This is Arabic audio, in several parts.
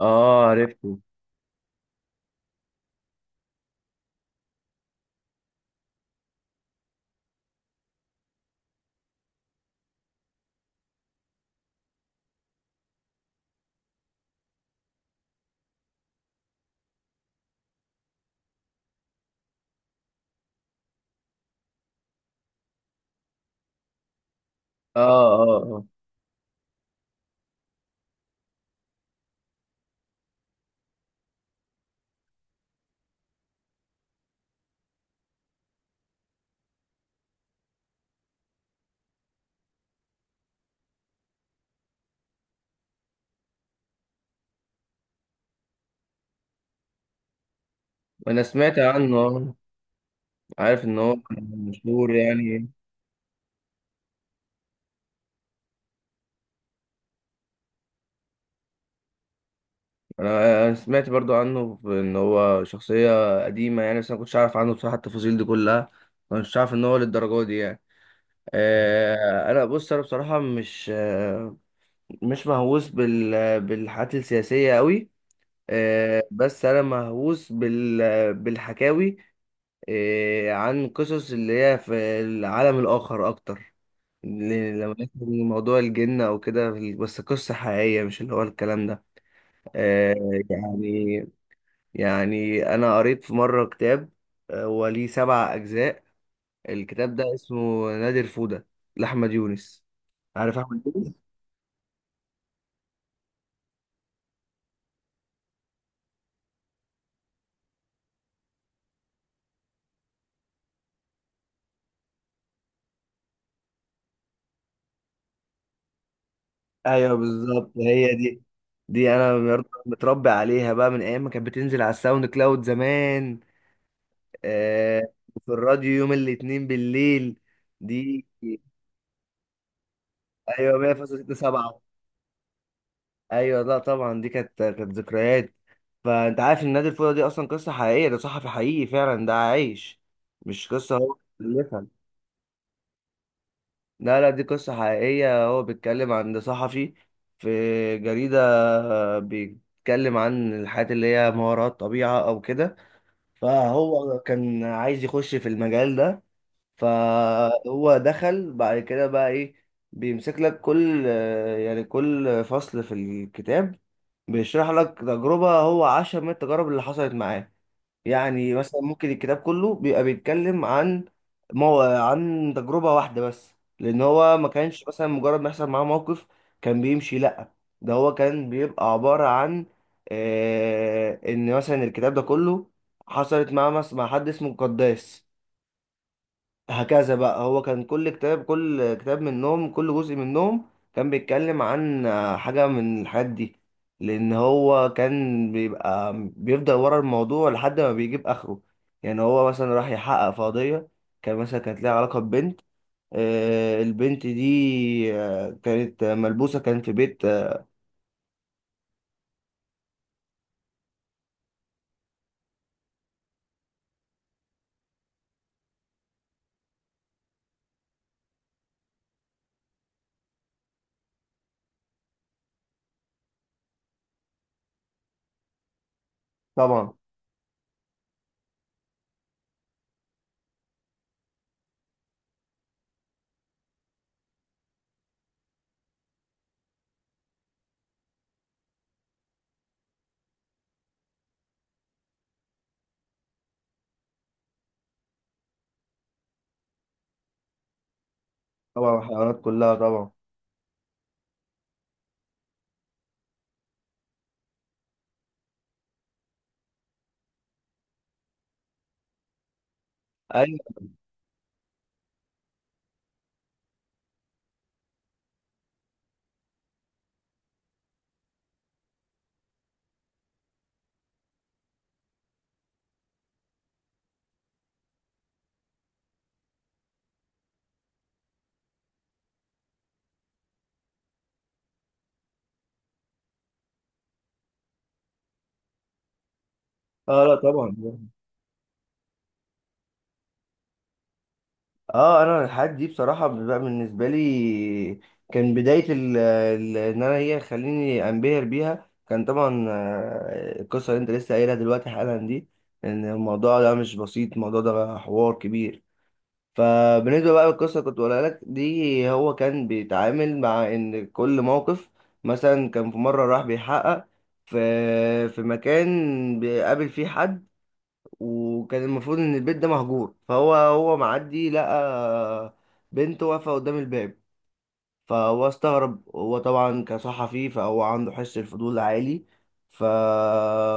اه، عرفته. اه، اه، اه. انا سمعت عنه آه. عارف ان هو كان مشهور يعني. أنا سمعت برضو عنه ان هو شخصية قديمة يعني، بس انا كنتش عارف عنه بصراحة التفاصيل دي كلها. ما كنتش عارف ان هو للدرجة دي يعني. انا بصراحة مش مهووس بالحاجات السياسية قوي. بس انا مهووس بالحكاوي عن قصص اللي هي في العالم الاخر اكتر. لو ناخد موضوع الجن او كده، بس قصة حقيقية مش اللي هو الكلام ده. آه. يعني يعني انا قريت في مرة كتاب، هو ليه 7 اجزاء. الكتاب ده اسمه نادر فودة لاحمد يونس. عارف احمد يونس؟ ايوه، بالظبط هي دي. دي انا برضه متربي عليها بقى من ايام ما كانت بتنزل على الساوند كلاود زمان. آه. في الراديو يوم الاثنين بالليل دي. ايوه، 100.67. ايوه، لا طبعا، دي كانت ذكريات. فانت عارف ان نادي الفوضى دي اصلا قصه حقيقيه، ده صحفي حقيقي فعلا، ده عايش، مش قصه هو بيألفها. لا، لا، دي قصه حقيقيه. هو بيتكلم عن ده صحفي في جريده، بيتكلم عن الحاجات اللي هي ما وراء الطبيعه او كده. فهو كان عايز يخش في المجال ده. فهو دخل بعد كده بقى ايه، بيمسك لك كل، يعني كل فصل في الكتاب بيشرح لك تجربة هو عاشها من التجارب اللي حصلت معاه. يعني مثلا ممكن الكتاب كله بيبقى بيتكلم عن عن تجربة واحدة بس، لأن هو ما كانش مثلا مجرد ما يحصل معاه موقف كان بيمشي لأ. ده هو كان بيبقى عبارة عن إن مثلا الكتاب ده كله حصلت معاه مع حد اسمه قداس، هكذا بقى. هو كان كل كتاب منهم، كل جزء منهم كان بيتكلم عن حاجة من الحاجات دي، لأن هو كان بيبقى بيفضل ورا الموضوع لحد ما بيجيب آخره. يعني هو مثلا راح يحقق في قضية، كان مثلا كانت ليها علاقة ببنت. البنت دي كانت ملبوسة، كان في بيت طبعا. طبعا الحيوانات كلها طبعا. أيوة. اه، لا طبعا. اه انا الحاجات دي بصراحه بقى بالنسبه لي كان بدايه ان انا هي خليني انبهر بيها، كان طبعا القصه اللي انت لسه قايلها دلوقتي حالا دي، ان الموضوع ده مش بسيط، الموضوع ده حوار كبير. فبالنسبه بقى للقصه اللي كنت بقولها لك دي، هو كان بيتعامل مع ان كل موقف. مثلا كان في مره راح بيحقق في في مكان بيقابل فيه حد، وكان المفروض ان البيت ده مهجور، فهو معدي لقى بنت واقفه قدام الباب. فهو استغرب، هو طبعا كصحفي فهو عنده حس الفضول عالي. ف...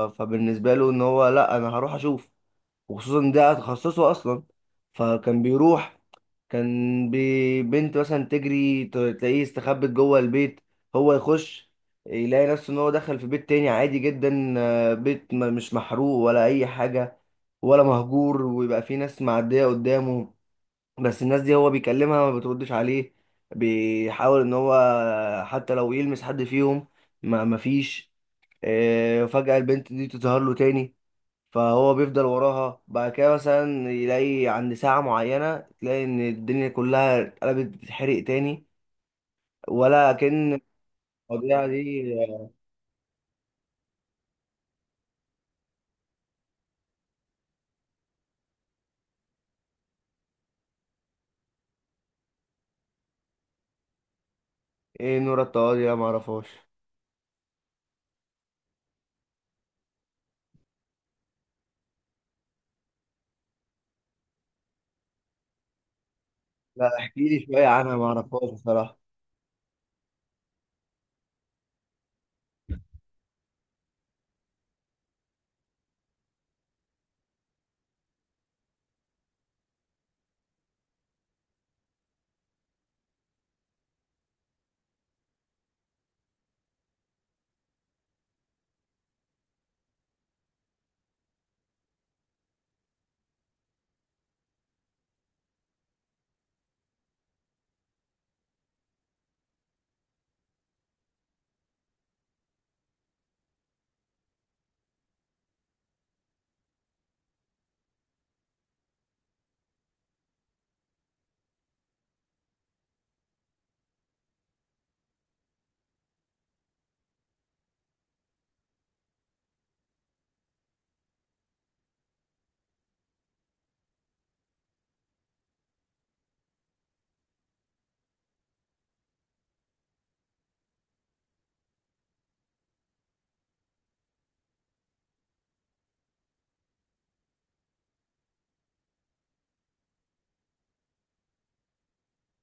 فبالنسبه له ان هو لا، انا هروح اشوف، وخصوصا ده تخصصه اصلا. فكان بيروح، بنت مثلا تجري، تلاقيه استخبت جوه البيت، هو يخش، يلاقي نفسه ان هو دخل في بيت تاني عادي جدا، بيت مش محروق ولا اي حاجة ولا مهجور، ويبقى في ناس معدية قدامه، بس الناس دي هو بيكلمها ما بتردش عليه. بيحاول ان هو حتى لو يلمس حد فيهم ما مفيش. فجأة البنت دي تظهر له تاني. فهو بيفضل وراها بعد كده، مثلا يلاقي عند ساعة معينة تلاقي إن الدنيا كلها اتقلبت، بتتحرق تاني، ولا كأن الطبيعة دي. إيه نور الطوالي ده؟ معرفهاش. لا، احكيلي شوية عنها، معرفهاش بصراحة.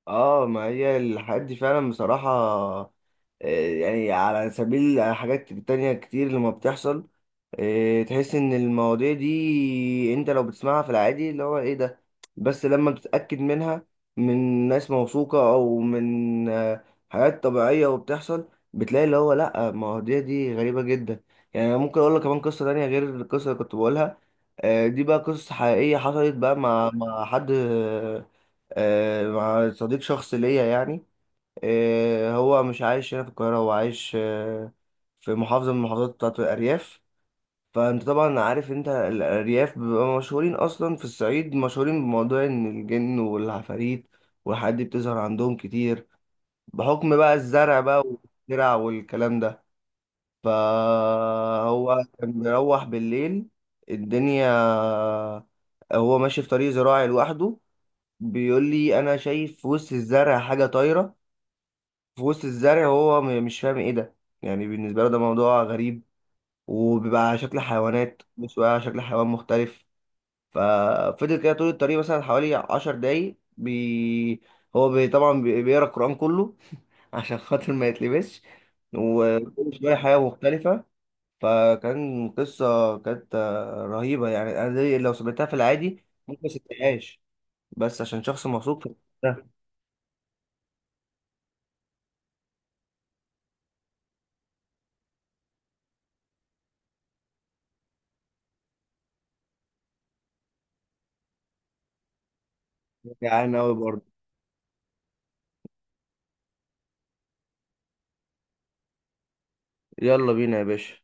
اه ما هي الحاجات دي فعلا بصراحة. يعني على سبيل على حاجات تانية كتير لما بتحصل، تحس ان المواضيع دي انت لو بتسمعها في العادي اللي هو ايه ده، بس لما بتتأكد منها من ناس موثوقة او من حاجات طبيعية وبتحصل بتلاقي اللي هو لا، المواضيع دي غريبة جدا. يعني أنا ممكن اقول لك كمان قصة تانية غير القصة اللي كنت بقولها. دي بقى قصة حقيقية حصلت بقى مع حد، مع صديق شخص ليا يعني. هو مش عايش هنا في القاهرة، هو عايش في محافظة من المحافظات بتاعت الأرياف. فأنت طبعا عارف، أنت الأرياف بيبقى مشهورين أصلا، في الصعيد مشهورين بموضوع إن الجن والعفاريت والحاجات دي بتظهر عندهم كتير، بحكم بقى الزرع بقى، والزرع والكلام ده. فهو كان بيروح بالليل، الدنيا، هو ماشي في طريق زراعي لوحده. بيقول لي انا شايف في وسط الزرع حاجه طايره، في وسط الزرع. هو مش فاهم ايه ده، يعني بالنسبه له ده موضوع غريب، وبيبقى على شكل حيوانات مش على شكل حيوان مختلف. ففضل كده طول الطريق مثلا حوالي 10 دقايق، هو طبعا بيقرا القران كله عشان خاطر ما يتلبسش، وكل شويه حاجه مختلفه. فكان قصه كانت رهيبه يعني. انا دي لو سمعتها في العادي ممكن ما صدقهاش، بس عشان شخص موثوق في ده. جعان أوي برضه. يلا بينا يا باشا.